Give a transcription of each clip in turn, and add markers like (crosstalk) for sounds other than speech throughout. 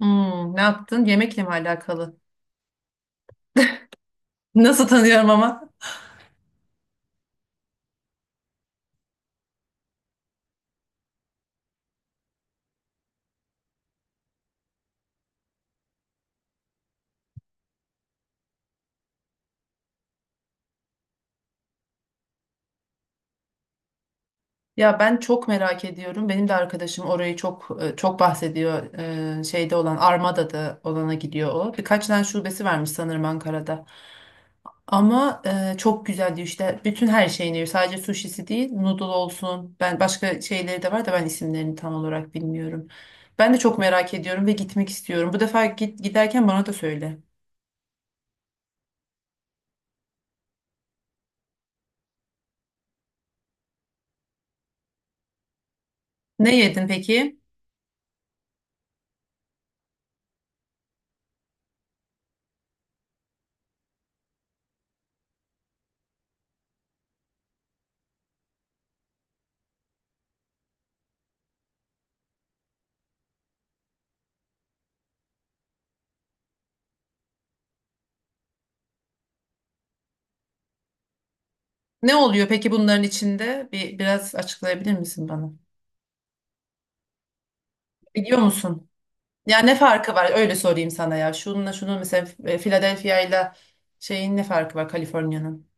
Hmm, ne yaptın? Yemekle mi alakalı? Nasıl tanıyorum ama? Ya ben çok merak ediyorum. Benim de arkadaşım orayı çok çok bahsediyor. Şeyde olan Armada'da olana gidiyor o. Birkaç tane şubesi varmış sanırım Ankara'da. Ama çok güzel diyor işte. Bütün her şeyini yiyor. Sadece suşisi değil, noodle olsun. Ben başka şeyleri de var da ben isimlerini tam olarak bilmiyorum. Ben de çok merak ediyorum ve gitmek istiyorum. Bu defa git giderken bana da söyle. Ne yedin peki? Ne oluyor peki bunların içinde? Biraz açıklayabilir misin bana? Biliyor musun? Ya ne farkı var? Öyle sorayım sana ya. Şununla şunun mesela Philadelphia ile şeyin ne farkı var Kaliforniya'nın?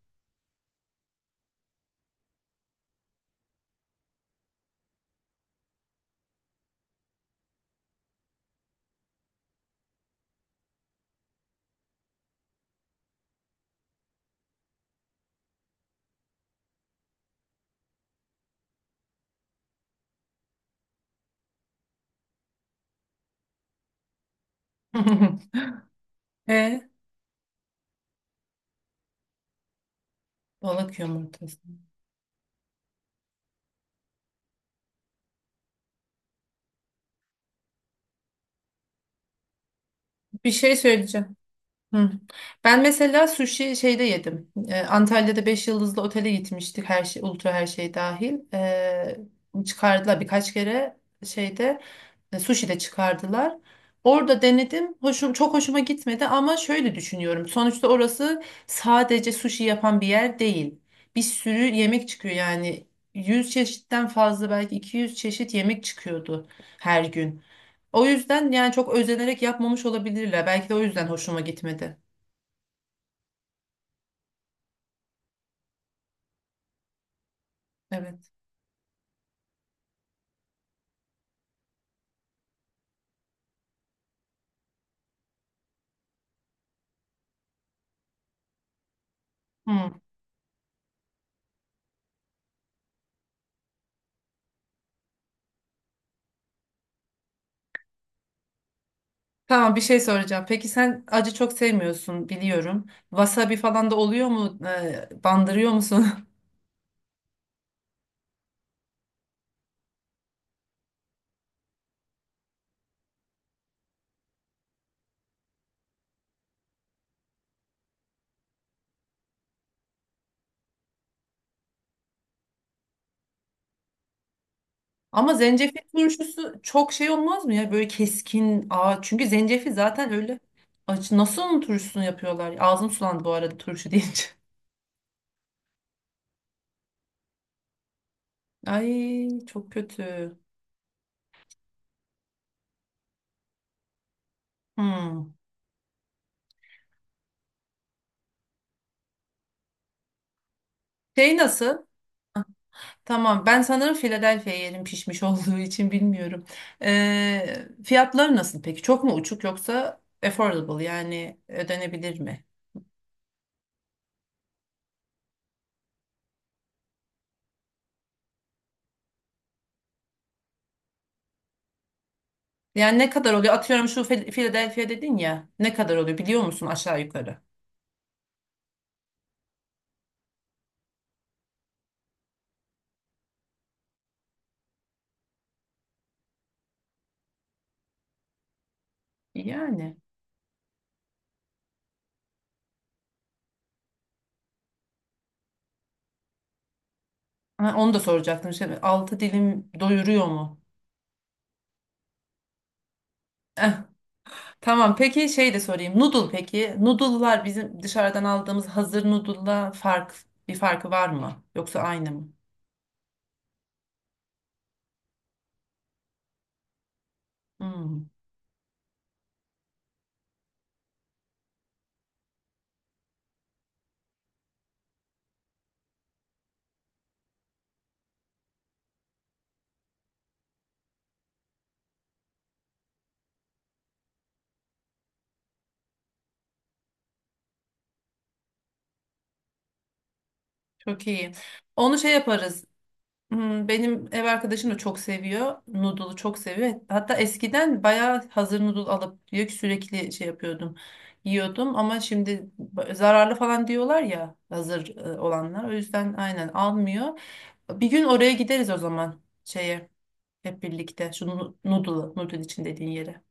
(laughs) E, balık yumurtası. Bir şey söyleyeceğim. Hı. Ben mesela sushi şeyde yedim. Antalya'da 5 yıldızlı otele gitmiştik. Her şey, ultra her şey dahil. Çıkardılar birkaç kere şeyde sushi de çıkardılar. Orada denedim. Hoşum, çok hoşuma gitmedi ama şöyle düşünüyorum. Sonuçta orası sadece sushi yapan bir yer değil. Bir sürü yemek çıkıyor yani. 100 çeşitten fazla belki 200 çeşit yemek çıkıyordu her gün. O yüzden yani çok özenerek yapmamış olabilirler. Belki de o yüzden hoşuma gitmedi. Evet. Hmm. Tamam bir şey soracağım. Peki sen acı çok sevmiyorsun biliyorum. Wasabi falan da oluyor mu? Bandırıyor musun? (laughs) Ama zencefil turşusu çok şey olmaz mı ya? Böyle keskin. Aa, çünkü zencefil zaten öyle. Acı. Nasıl onun turşusunu yapıyorlar? Ağzım sulandı bu arada turşu deyince. (laughs) Ay çok kötü. Hmm. Şey nasıl? Tamam, ben sanırım Philadelphia yerim pişmiş (laughs) olduğu için bilmiyorum. Fiyatları nasıl peki? Çok mu uçuk yoksa affordable yani ödenebilir mi? Yani ne kadar oluyor? Atıyorum şu Philadelphia dedin ya. Ne kadar oluyor biliyor musun aşağı yukarı? Yani. Ha, onu da soracaktım. Şey, altı dilim doyuruyor mu? Eh, tamam peki şey de sorayım. Noodle peki. Noodle'lar bizim dışarıdan aldığımız hazır noodle'la bir farkı var mı? Yoksa aynı mı? Hmm. Çok iyi. Onu şey yaparız. Hmm, benim ev arkadaşım da çok seviyor. Noodle'u çok seviyor. Hatta eskiden bayağı hazır noodle alıp diyor ki sürekli şey yapıyordum. Yiyordum ama şimdi zararlı falan diyorlar ya hazır olanlar. O yüzden aynen almıyor. Bir gün oraya gideriz o zaman şeye hep birlikte. Şu noodle'ı, noodle için dediğin yere.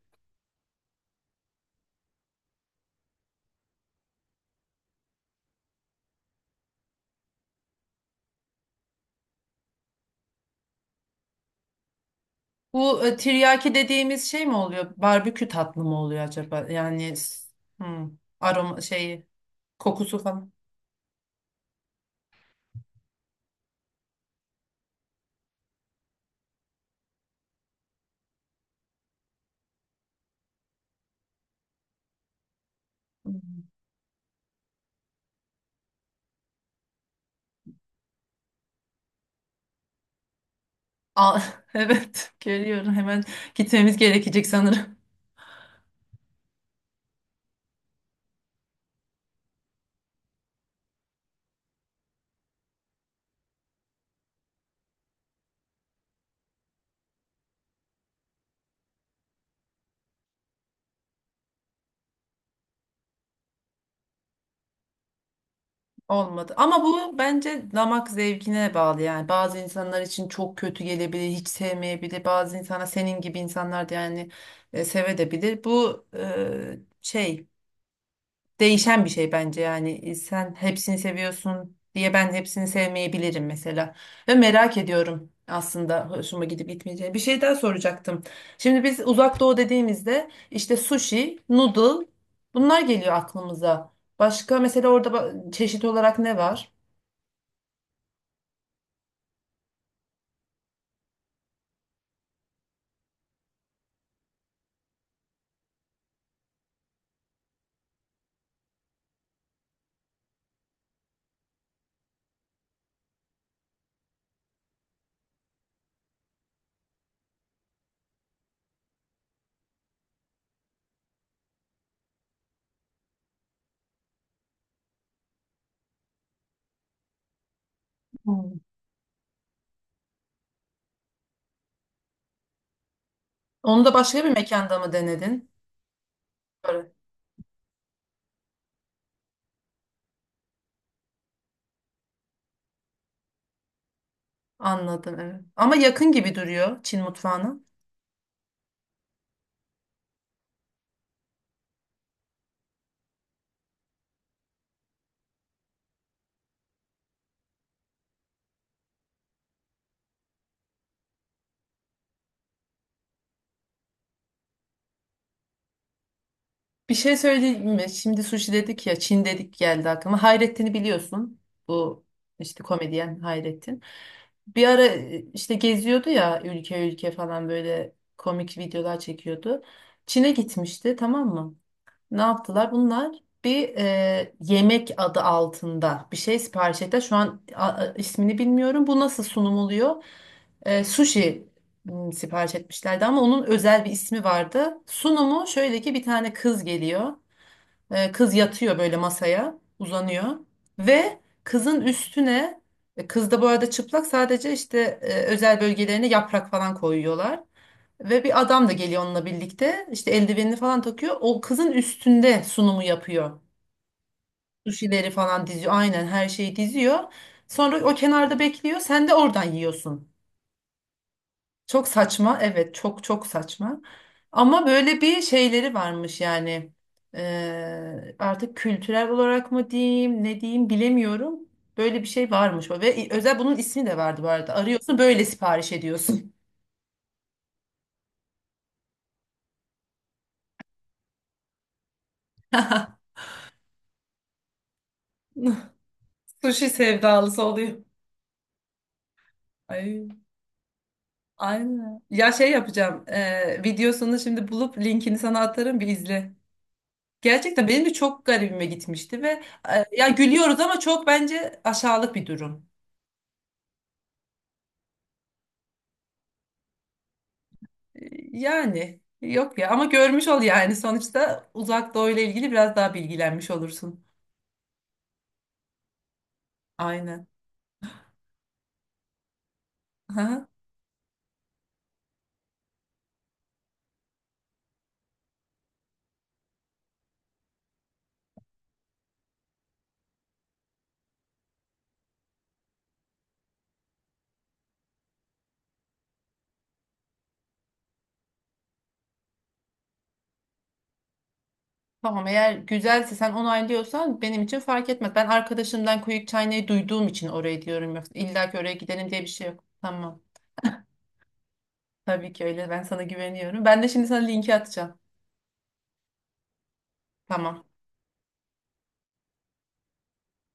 Bu tiryaki dediğimiz şey mi oluyor? Barbekü tatlı mı oluyor acaba? Yani hmm, aroma şeyi, kokusu falan. Hmm. Aa, (laughs) evet, görüyorum. Hemen gitmemiz gerekecek sanırım. Olmadı. Ama bu bence damak zevkine bağlı yani. Bazı insanlar için çok kötü gelebilir, hiç sevmeyebilir. Bazı insana senin gibi insanlar da yani sevebilir. Bu şey değişen bir şey bence yani. E, sen hepsini seviyorsun diye ben hepsini sevmeyebilirim mesela ve merak ediyorum aslında hoşuma gidip gitmeyeceğini. Bir şey daha soracaktım. Şimdi biz uzak doğu dediğimizde işte sushi, noodle bunlar geliyor aklımıza. Başka mesela orada çeşit olarak ne var? Hmm. Onu da başka bir mekanda mı denedin? Evet. Anladım evet. Ama yakın gibi duruyor Çin mutfağına. Bir şey söyleyeyim mi? Şimdi sushi dedik ya, Çin dedik geldi aklıma. Hayrettin'i biliyorsun. Bu işte komedyen Hayrettin. Bir ara işte geziyordu ya ülke ülke falan böyle komik videolar çekiyordu. Çin'e gitmişti tamam mı? Ne yaptılar? Bunlar bir yemek adı altında bir şey sipariş ettiler. Şu an ismini bilmiyorum. Bu nasıl sunum oluyor? Sushi sipariş etmişlerdi ama onun özel bir ismi vardı. Sunumu şöyle ki bir tane kız geliyor. E, kız yatıyor böyle masaya, uzanıyor ve kızın üstüne kız da bu arada çıplak sadece işte özel bölgelerine yaprak falan koyuyorlar. Ve bir adam da geliyor onunla birlikte. İşte eldivenini falan takıyor. O kızın üstünde sunumu yapıyor. Sushi'leri falan diziyor. Aynen her şeyi diziyor. Sonra o kenarda bekliyor. Sen de oradan yiyorsun. Çok saçma. Evet, çok çok saçma. Ama böyle bir şeyleri varmış yani. Artık kültürel olarak mı diyeyim, ne diyeyim bilemiyorum. Böyle bir şey varmış. Ve özel bunun ismi de vardı bu arada. Arıyorsun böyle sipariş ediyorsun. (laughs) Sushi sevdalısı oluyor. Ay. Aynen. Ya şey yapacağım. Videosunu şimdi bulup linkini sana atarım bir izle. Gerçekten benim de çok garibime gitmişti ve ya gülüyoruz ama çok bence aşağılık bir durum. E, yani yok ya ama görmüş ol yani sonuçta Uzak Doğu ile ilgili biraz daha bilgilenmiş olursun. Aynen. Aha. Tamam eğer güzelse sen onaylıyorsan benim için fark etmez. Ben arkadaşımdan Kuyuk Çaynay'ı duyduğum için oraya diyorum yoksa illa ki oraya gidelim diye bir şey yok. Tamam. Tabii ki öyle. Ben sana güveniyorum. Ben de şimdi sana linki atacağım. Tamam.